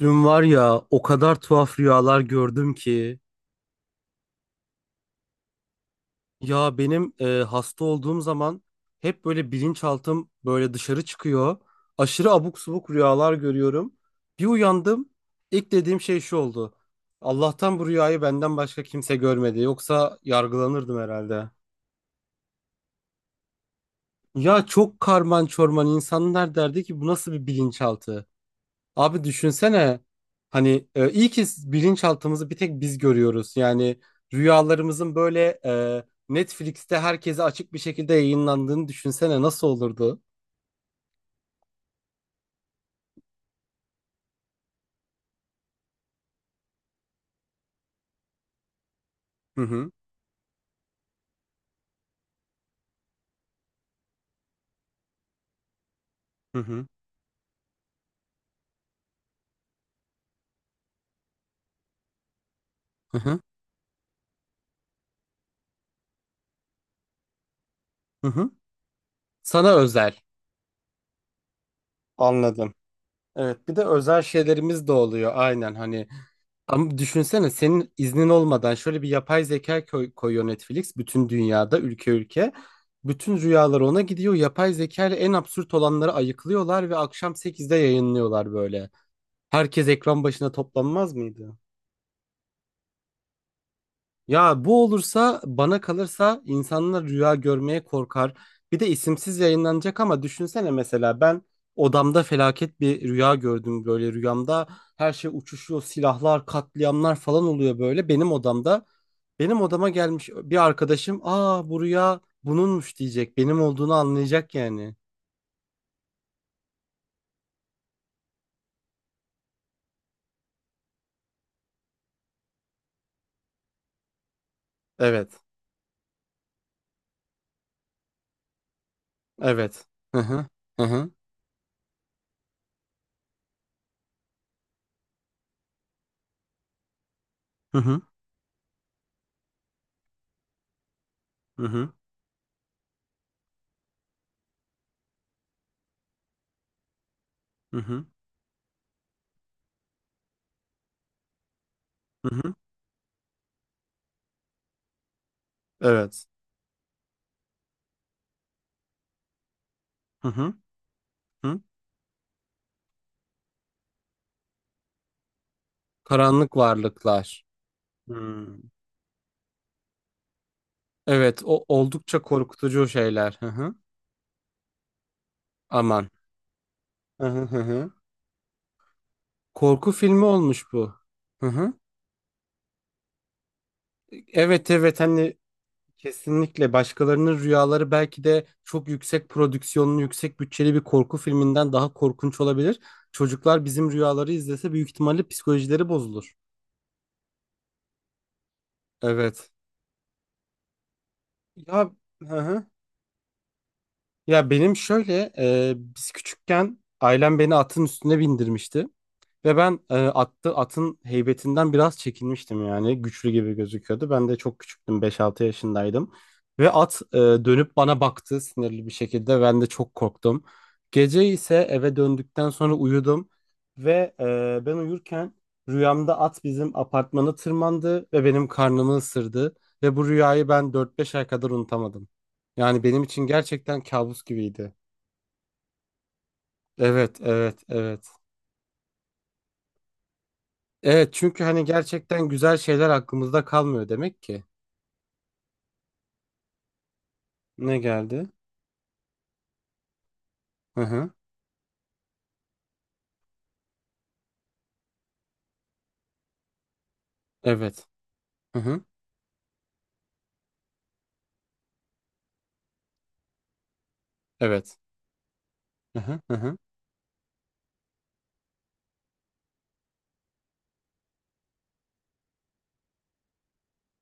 Dün var ya, o kadar tuhaf rüyalar gördüm ki. Ya benim hasta olduğum zaman hep böyle bilinçaltım böyle dışarı çıkıyor. Aşırı abuk subuk rüyalar görüyorum. Bir uyandım, ilk dediğim şey şu oldu. Allah'tan bu rüyayı benden başka kimse görmedi, yoksa yargılanırdım herhalde. Ya çok karman çorman, insanlar derdi ki bu nasıl bir bilinçaltı? Abi düşünsene, hani iyi ki bilinçaltımızı bir tek biz görüyoruz. Yani rüyalarımızın böyle Netflix'te herkese açık bir şekilde yayınlandığını düşünsene, nasıl olurdu? Hı hı hı hı hı hı. Hı hı. Sana özel. Anladım. Evet, bir de özel şeylerimiz de oluyor. Aynen hani. Ama düşünsene, senin iznin olmadan şöyle bir yapay zeka koyuyor Netflix bütün dünyada, ülke ülke. Bütün rüyalar ona gidiyor. Yapay zeka ile en absürt olanları ayıklıyorlar ve akşam sekizde yayınlıyorlar böyle. Herkes ekran başına toplanmaz mıydı? Ya bu olursa, bana kalırsa insanlar rüya görmeye korkar. Bir de isimsiz yayınlanacak, ama düşünsene mesela ben odamda felaket bir rüya gördüm, böyle rüyamda her şey uçuşuyor, silahlar, katliamlar falan oluyor böyle benim odamda. Benim odama gelmiş bir arkadaşım, aa bu rüya bununmuş diyecek, benim olduğunu anlayacak yani. Evet, evet. Hı hı hı hı hı hı hı hı hı hı. Hı hı. Evet. Hı hı hı. Karanlık varlıklar. Hmm. Evet, o oldukça korkutucu şeyler. Hı hı. Aman. Hı hı hı. Hı. Korku filmi olmuş bu. Hı hı. Evet, evet, hani kesinlikle başkalarının rüyaları belki de çok yüksek prodüksiyonlu, yüksek bütçeli bir korku filminden daha korkunç olabilir. Çocuklar bizim rüyaları izlese büyük ihtimalle psikolojileri bozulur. Evet. Ya, hı hı. Ya benim şöyle, biz küçükken ailem beni atın üstüne bindirmişti. Ve ben, atın heybetinden biraz çekinmiştim yani. Güçlü gibi gözüküyordu. Ben de çok küçüktüm, beş altı yaşındaydım. Ve at, dönüp bana baktı sinirli bir şekilde. Ben de çok korktum. Gece ise eve döndükten sonra uyudum. Ve ben uyurken rüyamda at bizim apartmanı tırmandı ve benim karnımı ısırdı. Ve bu rüyayı ben dört beş ay kadar unutamadım. Yani benim için gerçekten kabus gibiydi. Evet, evet, evet. Evet, çünkü hani gerçekten güzel şeyler aklımızda kalmıyor demek ki. Ne geldi? Hı hı. Evet. Hı hı. Evet. Hı hı. Hı hı.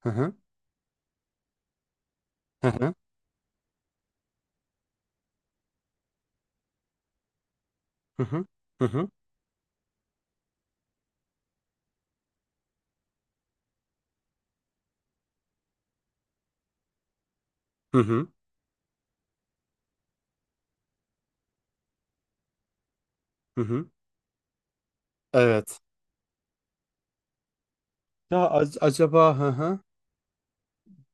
Hı hı. Hı hı. Hı hı. Hı hı. Hı hı. Hı hı. Evet. Ya acaba, hı hı.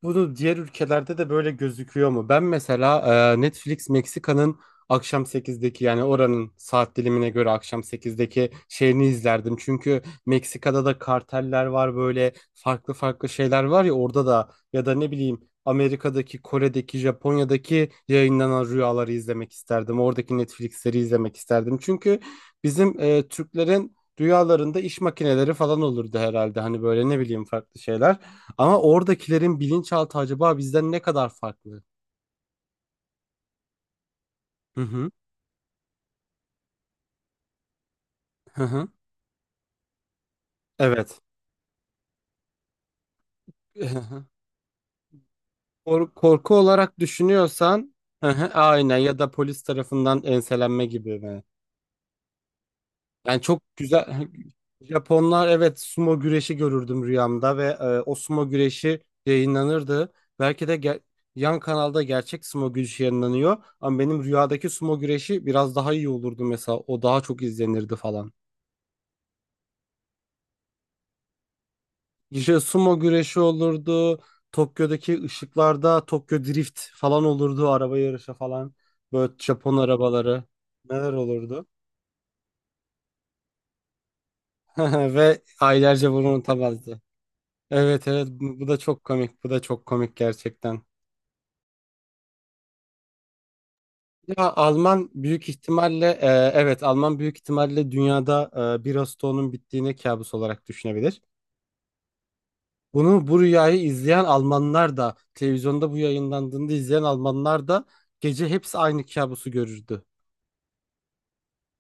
Bunu diğer ülkelerde de böyle gözüküyor mu? Ben mesela Netflix Meksika'nın akşam sekizdeki, yani oranın saat dilimine göre akşam sekizdeki şeyini izlerdim. Çünkü Meksika'da da karteller var, böyle farklı farklı şeyler var ya orada da. Ya da ne bileyim, Amerika'daki, Kore'deki, Japonya'daki yayınlanan rüyaları izlemek isterdim. Oradaki Netflix'leri izlemek isterdim. Çünkü bizim, Türklerin rüyalarında iş makineleri falan olurdu herhalde. Hani böyle, ne bileyim, farklı şeyler. Ama oradakilerin bilinçaltı acaba bizden ne kadar farklı? Hı hı. Hı hı. Evet. Hı hı. Korku olarak düşünüyorsan, hı hı, aynen, ya da polis tarafından enselenme gibi mi? Yani çok güzel. Japonlar, evet, sumo güreşi görürdüm rüyamda ve o sumo güreşi yayınlanırdı. Belki de, yan kanalda gerçek sumo güreşi yayınlanıyor ama benim rüyadaki sumo güreşi biraz daha iyi olurdu mesela. O daha çok izlenirdi falan. İşte sumo güreşi olurdu. Tokyo'daki ışıklarda Tokyo Drift falan olurdu. Araba yarışı falan. Böyle Japon arabaları. Neler olurdu. Ve aylarca bunu unutamazdı. Evet, evet, bu da çok komik. Bu da çok komik gerçekten. Ya Alman büyük ihtimalle, evet, Alman büyük ihtimalle dünyada bir Ağustos'un bittiğini kabus olarak düşünebilir. Bunu, bu rüyayı izleyen Almanlar da, televizyonda bu yayınlandığında izleyen Almanlar da gece hepsi aynı kabusu görürdü.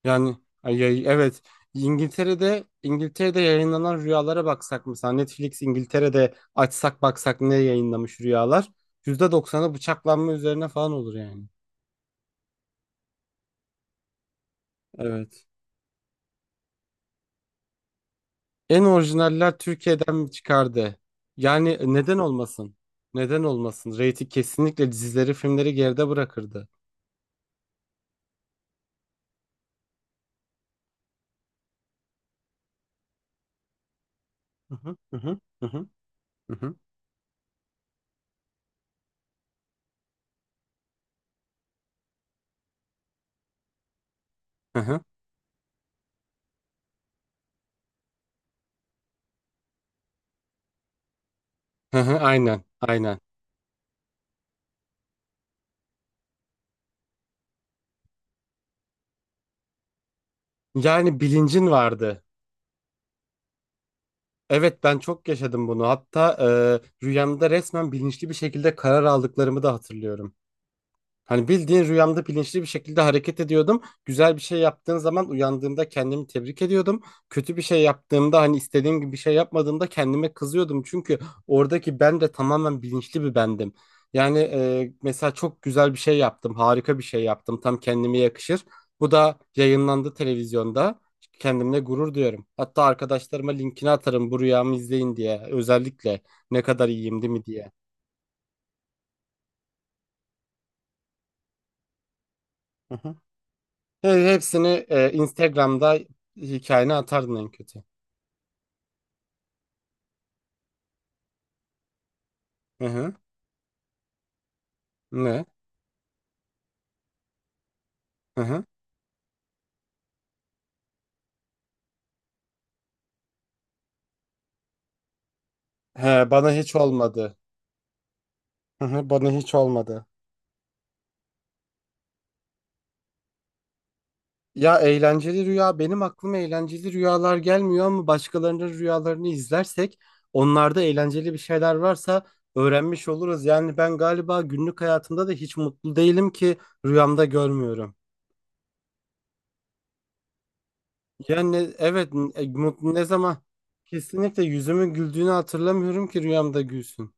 Yani, ay, ay, evet, İngiltere'de yayınlanan rüyalara baksak, mesela Netflix İngiltere'de açsak, baksak ne yayınlamış rüyalar, %90'ı bıçaklanma üzerine falan olur yani. Evet. En orijinaller Türkiye'den mi çıkardı? Yani neden olmasın? Neden olmasın? Reyting kesinlikle dizileri, filmleri geride bırakırdı. Hı hı hı hı hı hı hı hı hı hı, aynen, aynen. Yani bilincin vardı. Evet, ben çok yaşadım bunu. Hatta rüyamda resmen bilinçli bir şekilde karar aldıklarımı da hatırlıyorum. Hani bildiğin rüyamda bilinçli bir şekilde hareket ediyordum. Güzel bir şey yaptığım zaman uyandığımda kendimi tebrik ediyordum. Kötü bir şey yaptığımda, hani istediğim gibi bir şey yapmadığımda kendime kızıyordum. Çünkü oradaki ben de tamamen bilinçli bir bendim. Yani, mesela çok güzel bir şey yaptım, harika bir şey yaptım. Tam kendime yakışır. Bu da yayınlandı televizyonda. Kendimle gurur duyuyorum. Hatta arkadaşlarıma linkini atarım, bu rüyamı izleyin diye. Özellikle ne kadar iyiyim değil mi diye. Hepsini Instagram'da hikayene atardın en kötü. Hı hı. Ne? Hı hı. He, bana hiç olmadı. Hı hı, bana hiç olmadı. Ya eğlenceli rüya, benim aklıma eğlenceli rüyalar gelmiyor, ama başkalarının rüyalarını izlersek onlarda eğlenceli bir şeyler varsa öğrenmiş oluruz. Yani ben galiba günlük hayatımda da hiç mutlu değilim ki rüyamda görmüyorum. Yani evet, mutlu ne zaman, kesinlikle yüzümün güldüğünü hatırlamıyorum ki rüyamda gülsün.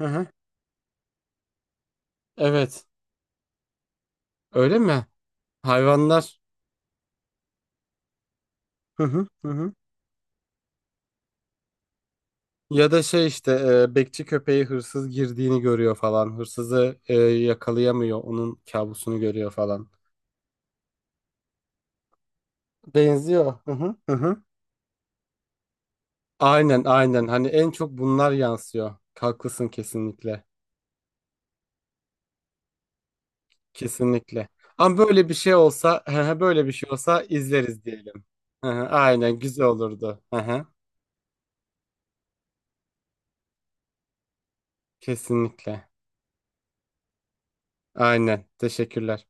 Hı hı. Evet. Öyle mi? Hayvanlar. Hı hı hı. Hı. Ya da şey işte, bekçi köpeği hırsız girdiğini görüyor falan. Hırsızı yakalayamıyor. Onun kabusunu görüyor falan. Benziyor. Hı hı. Hı hı. Aynen, aynen. Hani en çok bunlar yansıyor. Haklısın kesinlikle. Kesinlikle. Ama böyle bir şey olsa, hı hı, böyle bir şey olsa izleriz diyelim. Hı hı, aynen, güzel olurdu. Hı hı, kesinlikle. Aynen. Teşekkürler.